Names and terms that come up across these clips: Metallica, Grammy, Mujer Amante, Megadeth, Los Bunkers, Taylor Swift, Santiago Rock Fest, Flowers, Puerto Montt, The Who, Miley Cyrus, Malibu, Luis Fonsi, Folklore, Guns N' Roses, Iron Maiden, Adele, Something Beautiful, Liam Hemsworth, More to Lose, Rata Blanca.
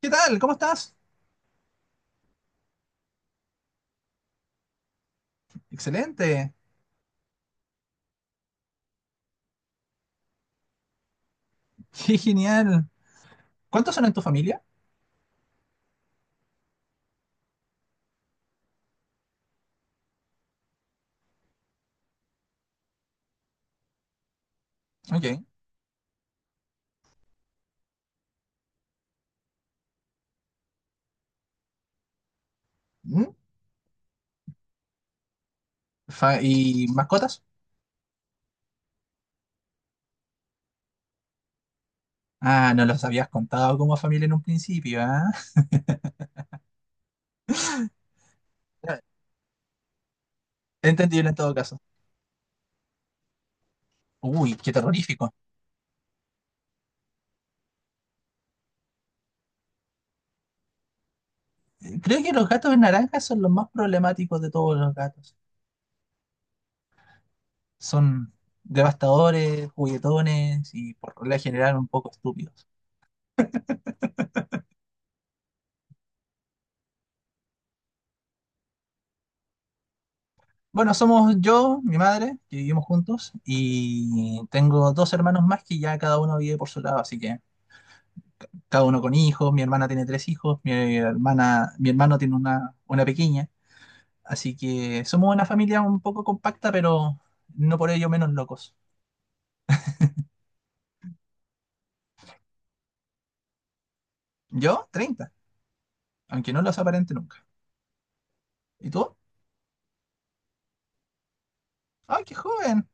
¿Qué tal? ¿Cómo estás? Excelente. Qué genial. ¿Cuántos son en tu familia? Ok. ¿Mm? ¿Y mascotas? Ah, no los habías contado como familia en un principio, ¿ah? Entendible en todo caso. Uy, qué terrorífico. Creo que los gatos naranjas son los más problemáticos de todos los gatos. Son devastadores, juguetones y por regla general un poco estúpidos. Bueno, somos yo, mi madre, que vivimos juntos, y tengo dos hermanos más que ya cada uno vive por su lado, así que cada uno con hijos, mi hermana tiene tres hijos, mi hermana, mi hermano tiene una pequeña, así que somos una familia un poco compacta, pero no por ello menos locos. Yo, treinta, aunque no los aparente nunca. ¿Y tú? ¡Ay, qué joven!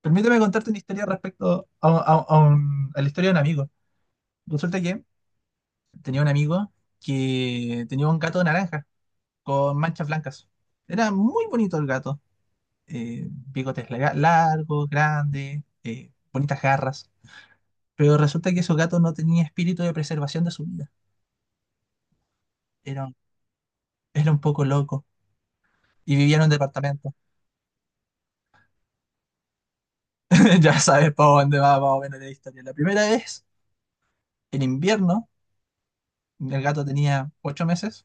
Permíteme contarte una historia respecto a la historia de un amigo. Resulta que tenía un amigo que tenía un gato naranja con manchas blancas. Era muy bonito el gato. Largos, grandes, bonitas garras. Pero resulta que esos gatos no tenían espíritu de preservación de su vida. Era, un- Era un poco loco. Y vivía en un departamento. Ya sabes para dónde va más o menos la historia. La primera vez, en invierno, el gato tenía ocho meses,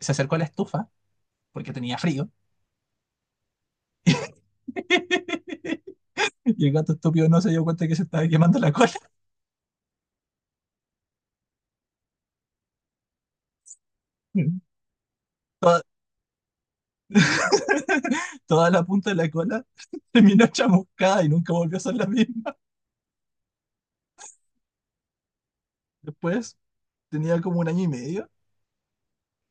se acercó a la estufa porque tenía frío. Y el gato estúpido no se dio cuenta que se estaba quemando la cola. Toda, Toda la punta de la cola terminó chamuscada y nunca volvió a ser la misma. Después tenía como un año y medio.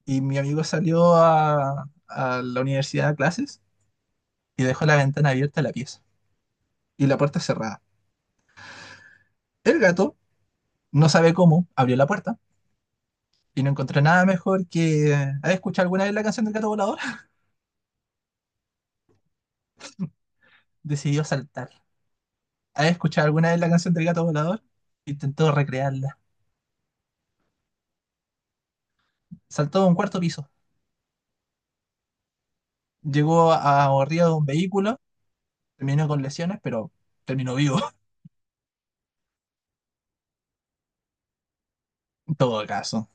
Y mi amigo salió a la universidad a clases y dejó la ventana abierta de la pieza y la puerta cerrada. El gato, no sabe cómo, abrió la puerta y no encontró nada mejor que... ¿Has escuchado alguna vez la canción del gato volador? Decidió saltar. ¿Has escuchado alguna vez la canción del gato volador? Intentó recrearla. Saltó de un cuarto piso. Llegó a arriba de un vehículo, terminó con lesiones, pero terminó vivo, en todo caso.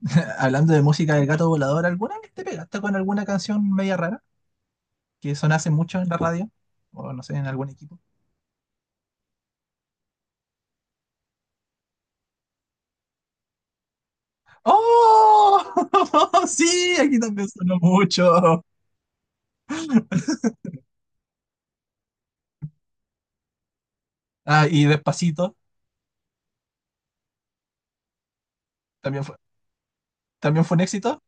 Hablando de música del gato volador, ¿alguna vez te pegaste con alguna canción media rara? Que son mucho en la radio, o no sé, en algún equipo. ¡Oh! Sí, aquí también sonó mucho. Ah, y Despacito, también fue, también fue un éxito.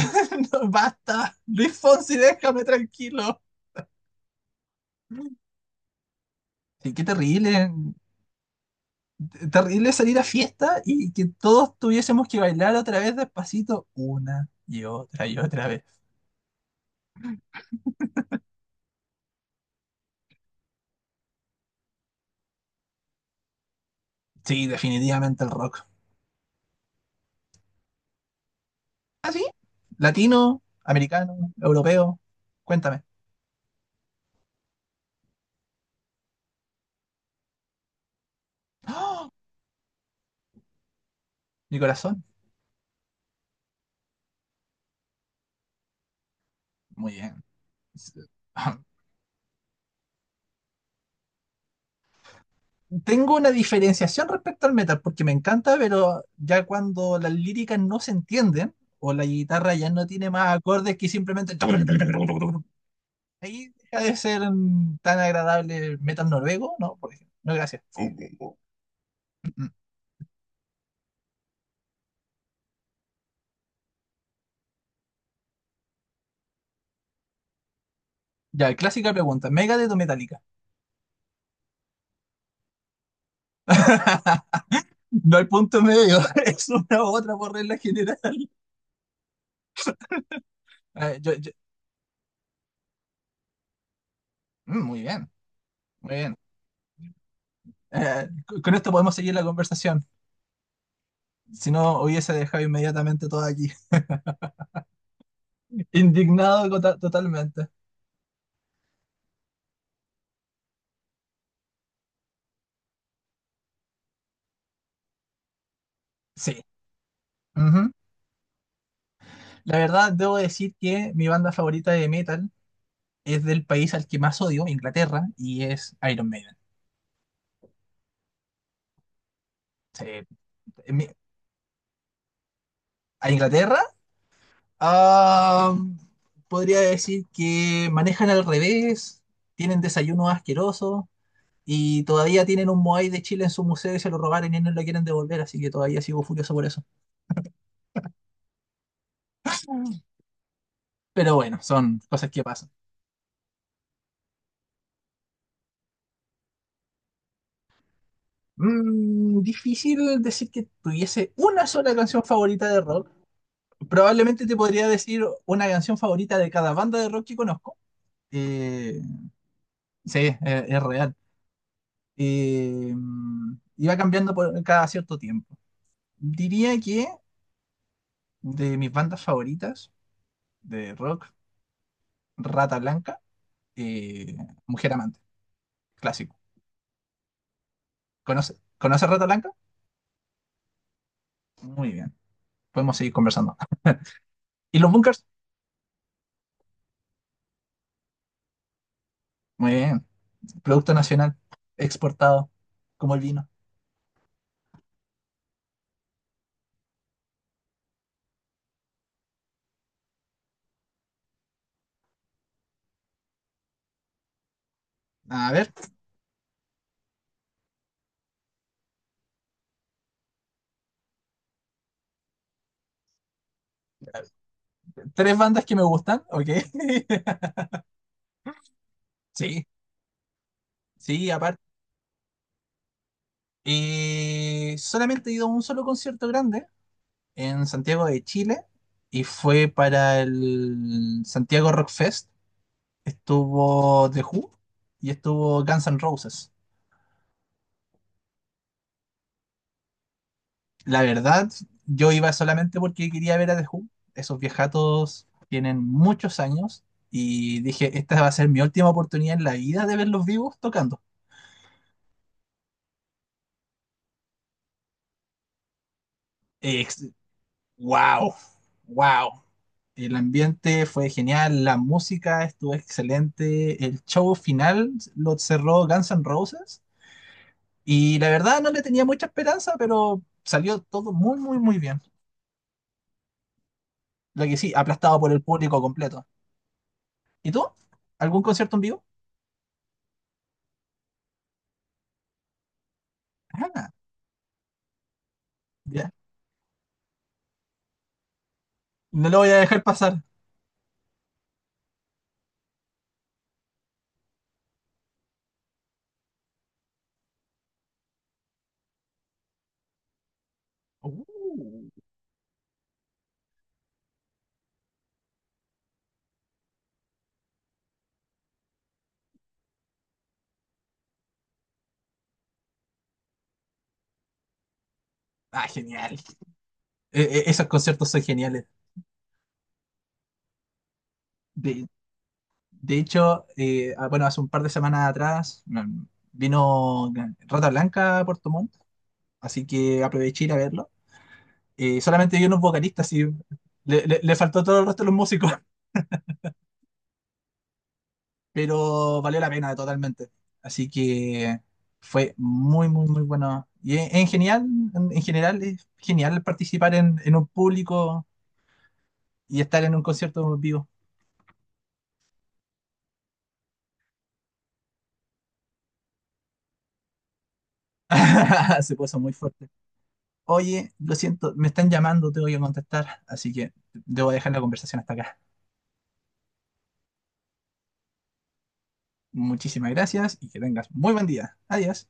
No, basta, Luis Fonsi, déjame tranquilo. Sí, qué terrible, terrible salir a fiesta y que todos tuviésemos que bailar otra vez Despacito, una y otra vez. Sí, definitivamente el rock. ¿Ah, sí? Latino, americano, europeo, cuéntame. ¡Oh! Mi corazón. Muy bien. Tengo una diferenciación respecto al metal, porque me encanta, pero ya cuando las líricas no se entienden, o la guitarra ya no tiene más acordes que simplemente... Ahí deja de ser tan agradable el metal noruego, ¿no? Por ejemplo. No, gracias. Ya, clásica pregunta. ¿Megadeth o Metallica? No hay punto medio. Es una u otra por regla general. Eh, yo- yo- muy bien, muy bien. Eh, con esto podemos seguir la conversación. Si no, hubiese dejado inmediatamente todo aquí. Indignado totalmente. Sí. Ujú. La verdad, debo decir que mi banda favorita de metal es del país al que más odio, Inglaterra, y es Iron Maiden. Sí. Mi- ¿A Inglaterra? Ah, podría decir que manejan al revés, tienen desayunos asquerosos y todavía tienen un Moai de Chile en su museo y se lo robaron y no lo quieren devolver, así que todavía sigo furioso por eso. Pero bueno, son cosas que pasan. Mm, difícil decir que tuviese una sola canción favorita de rock. Probablemente te podría decir una canción favorita de cada banda de rock que conozco. Eh, sí, es real. Y va cambiando por cada cierto tiempo. Diría que de mis bandas favoritas de rock, Rata Blanca, eh, Mujer Amante, clásico. ¿Conoce Rata Blanca? Muy bien. Podemos seguir conversando. ¿Y los Bunkers? Muy bien. Producto nacional exportado, como el vino. A ver, tres bandas que me gustan, ok. Sí, sí, aparte. Solamente he ido a un solo concierto grande en Santiago de Chile y fue para el Santiago Rock Fest. Estuvo The Who y estuvo Guns N' Roses. La verdad, yo iba solamente porque quería ver a The Who. Esos viejatos tienen muchos años y dije, esta va a ser mi última oportunidad en la vida de verlos vivos tocando. Ex- wow, wow. El ambiente fue genial, la música estuvo excelente, el show final lo cerró Guns N' Roses y la verdad no le tenía mucha esperanza, pero salió todo muy, muy, muy bien. Lo que sí, aplastado por el público completo. ¿Y tú? ¿Algún concierto en vivo? Ah, ya. No lo voy a dejar pasar. Uh, Ah, genial. Esos conciertos son geniales. De, de hecho, bueno, hace un par de semanas atrás, vino Rata Blanca a Puerto Montt, así que aproveché ir a verlo. Solamente vi unos vocalistas y le faltó todo el resto de los músicos, pero valió la pena totalmente. Así que fue muy, muy, muy bueno. Y en general es genial participar en un público y estar en un concierto vivo. Se puso muy fuerte. Oye, lo siento, me están llamando, tengo que contestar, así que debo dejar la conversación hasta acá. Muchísimas gracias y que tengas muy buen día. Adiós.